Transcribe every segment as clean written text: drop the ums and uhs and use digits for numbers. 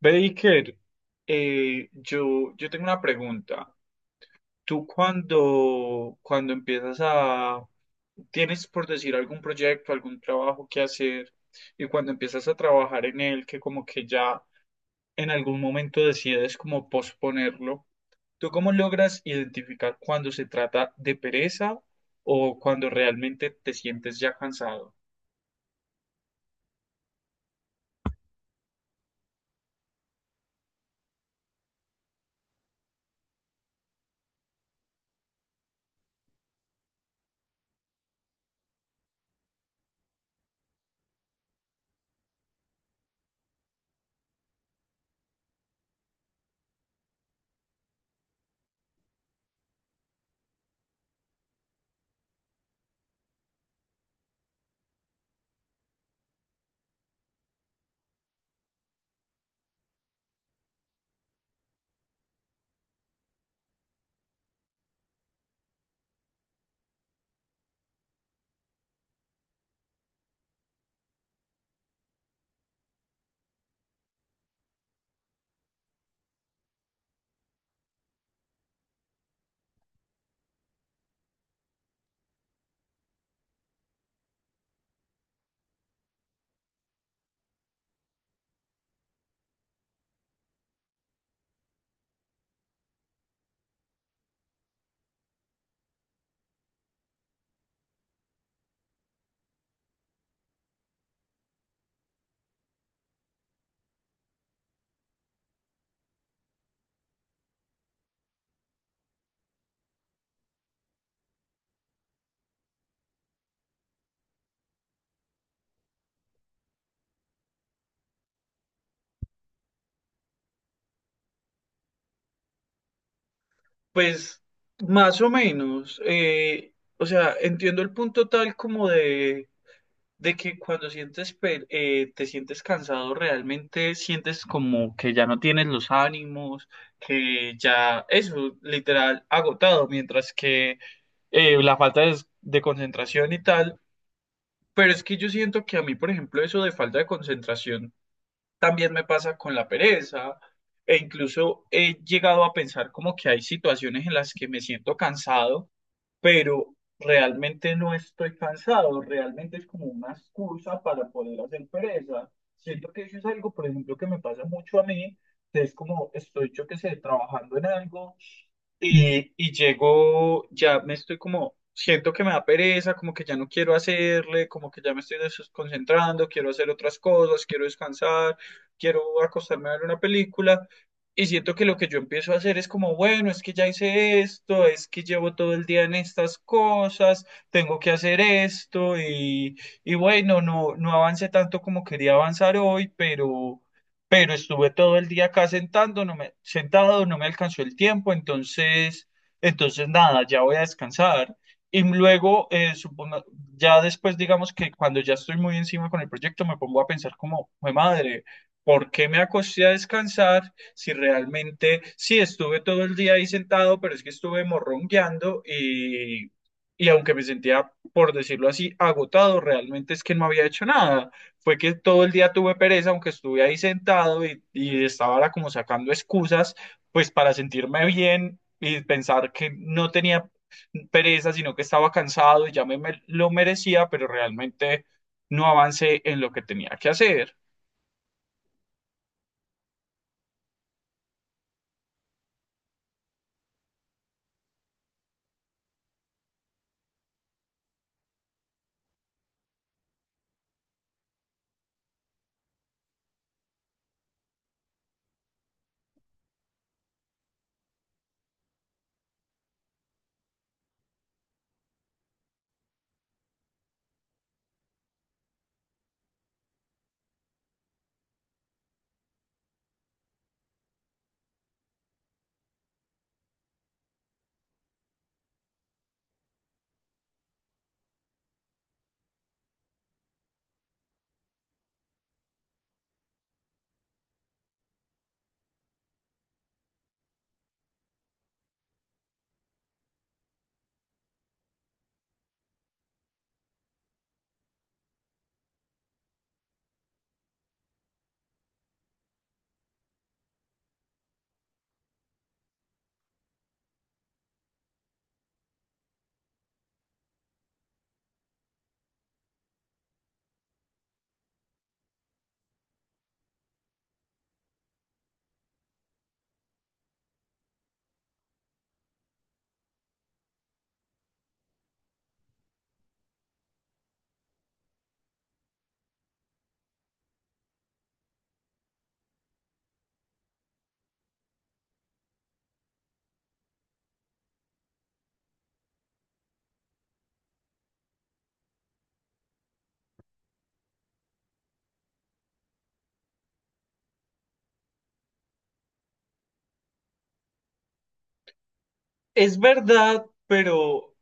Baker, yo tengo una pregunta. Tú cuando empiezas a, tienes por decir algún proyecto, algún trabajo que hacer, y cuando empiezas a trabajar en él, que como que ya en algún momento decides como posponerlo, ¿tú cómo logras identificar cuando se trata de pereza o cuando realmente te sientes ya cansado? Pues más o menos, o sea, entiendo el punto tal como de que cuando te sientes cansado, realmente sientes como que ya no tienes los ánimos, que ya eso, literal, agotado, mientras que la falta de concentración y tal, pero es que yo siento que a mí, por ejemplo, eso de falta de concentración también me pasa con la pereza e incluso he llegado a pensar como que hay situaciones en las que me siento cansado, pero realmente no estoy cansado, realmente es como una excusa para poder hacer pereza. Siento que eso es algo, por ejemplo, que me pasa mucho a mí, que es como estoy, yo qué sé, trabajando en algo. Y llego, ya me estoy como, siento que me da pereza, como que ya no quiero hacerle, como que ya me estoy desconcentrando, quiero hacer otras cosas, quiero descansar, quiero acostarme a ver una película. Y siento que lo que yo empiezo a hacer es como, bueno, es que ya hice esto, es que llevo todo el día en estas cosas, tengo que hacer esto y bueno, no avancé tanto como quería avanzar hoy, pero estuve todo el día acá sentado, no me alcanzó el tiempo, entonces nada, ya voy a descansar. Y luego, ya después, digamos que cuando ya estoy muy encima con el proyecto, me pongo a pensar como, "Jue madre, ¿por qué me acosté a descansar si realmente, sí, estuve todo el día ahí sentado, pero es que estuve morrongueando y aunque me sentía, por decirlo así, agotado, realmente es que no había hecho nada, fue que todo el día tuve pereza, aunque estuve ahí sentado y estaba ahora como sacando excusas, pues para sentirme bien y pensar que no tenía pereza, sino que estaba cansado y ya lo merecía, pero realmente no avancé en lo que tenía que hacer. Es verdad, pero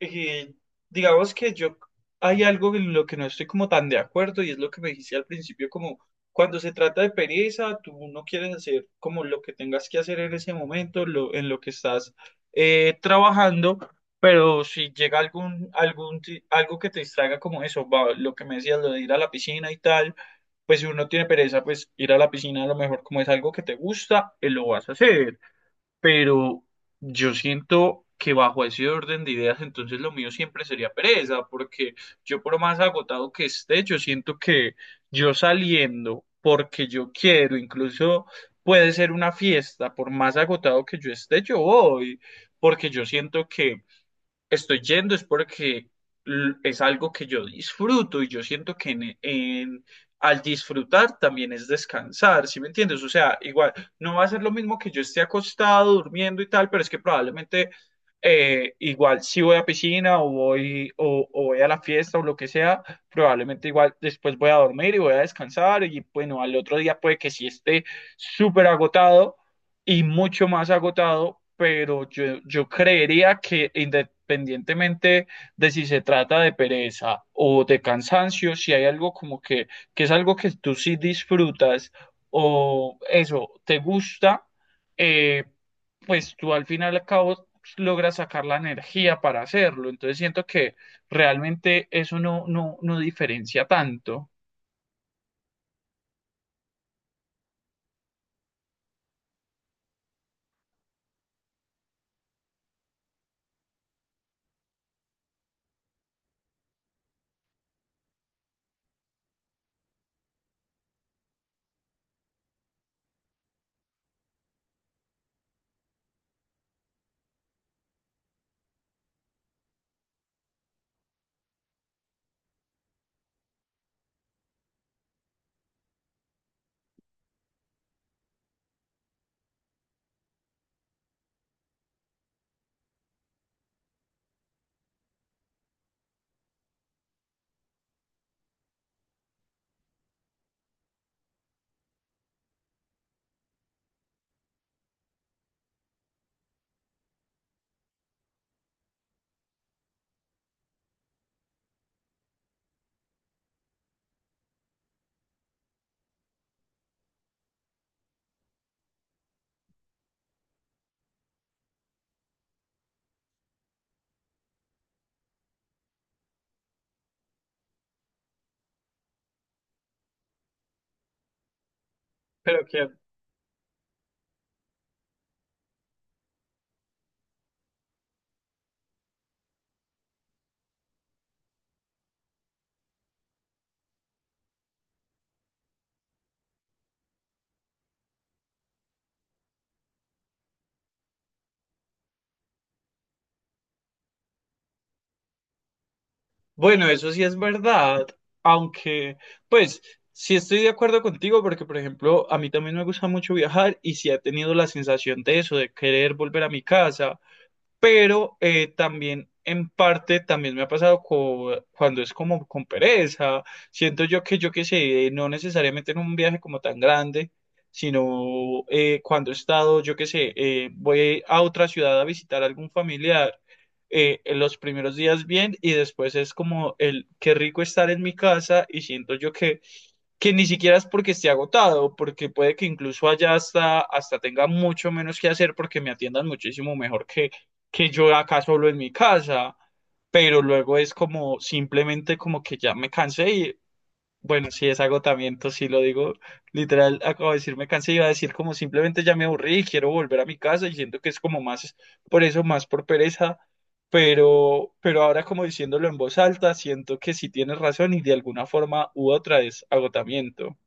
eh, digamos que yo hay algo en lo que no estoy como tan de acuerdo y es lo que me dijiste al principio, como cuando se trata de pereza, tú no quieres hacer como lo que tengas que hacer en ese momento, lo, en lo que estás trabajando, pero si llega algo que te distraiga como eso, va, lo que me decías, lo de ir a la piscina y tal, pues si uno tiene pereza, pues ir a la piscina a lo mejor como es algo que te gusta, lo vas a hacer, pero yo siento que bajo ese orden de ideas, entonces lo mío siempre sería pereza, porque yo por más agotado que esté, yo siento que yo saliendo porque yo quiero, incluso puede ser una fiesta, por más agotado que yo esté, yo voy, porque yo siento que estoy yendo es porque es algo que yo disfruto y yo siento que al disfrutar también es descansar, ¿sí me entiendes? O sea, igual, no va a ser lo mismo que yo esté acostado, durmiendo y tal, pero es que probablemente, igual si voy a piscina o o voy a la fiesta o lo que sea, probablemente igual después voy a dormir y voy a descansar y bueno, al otro día puede que sí esté súper agotado y mucho más agotado, pero yo creería que independientemente de si se trata de pereza o de cansancio, si hay algo como que es algo que tú sí disfrutas o eso, te gusta, eh, pues tú al final y al cabo logras sacar la energía para hacerlo. Entonces siento que realmente eso no diferencia tanto. Pero que bueno, eso sí es verdad, aunque pues sí estoy de acuerdo contigo porque, por ejemplo, a mí también me gusta mucho viajar y sí he tenido la sensación de eso, de querer volver a mi casa, pero también en parte también me ha pasado cuando es como con pereza, siento yo que yo qué sé, no necesariamente en un viaje como tan grande, sino cuando he estado, yo qué sé, voy a otra ciudad a visitar a algún familiar, en los primeros días bien y después es como el qué rico estar en mi casa y siento yo que ni siquiera es porque esté agotado, porque puede que incluso allá hasta tenga mucho menos que hacer porque me atiendan muchísimo mejor que yo acá solo en mi casa, pero luego es como simplemente como que ya me cansé y bueno, si es agotamiento, si lo digo literal, acabo de decir me cansé, iba a decir como simplemente ya me aburrí y quiero volver a mi casa y siento que es como más por eso, más por pereza, pero ahora como diciéndolo en voz alta, siento que sí tienes razón y de alguna forma u otra es agotamiento.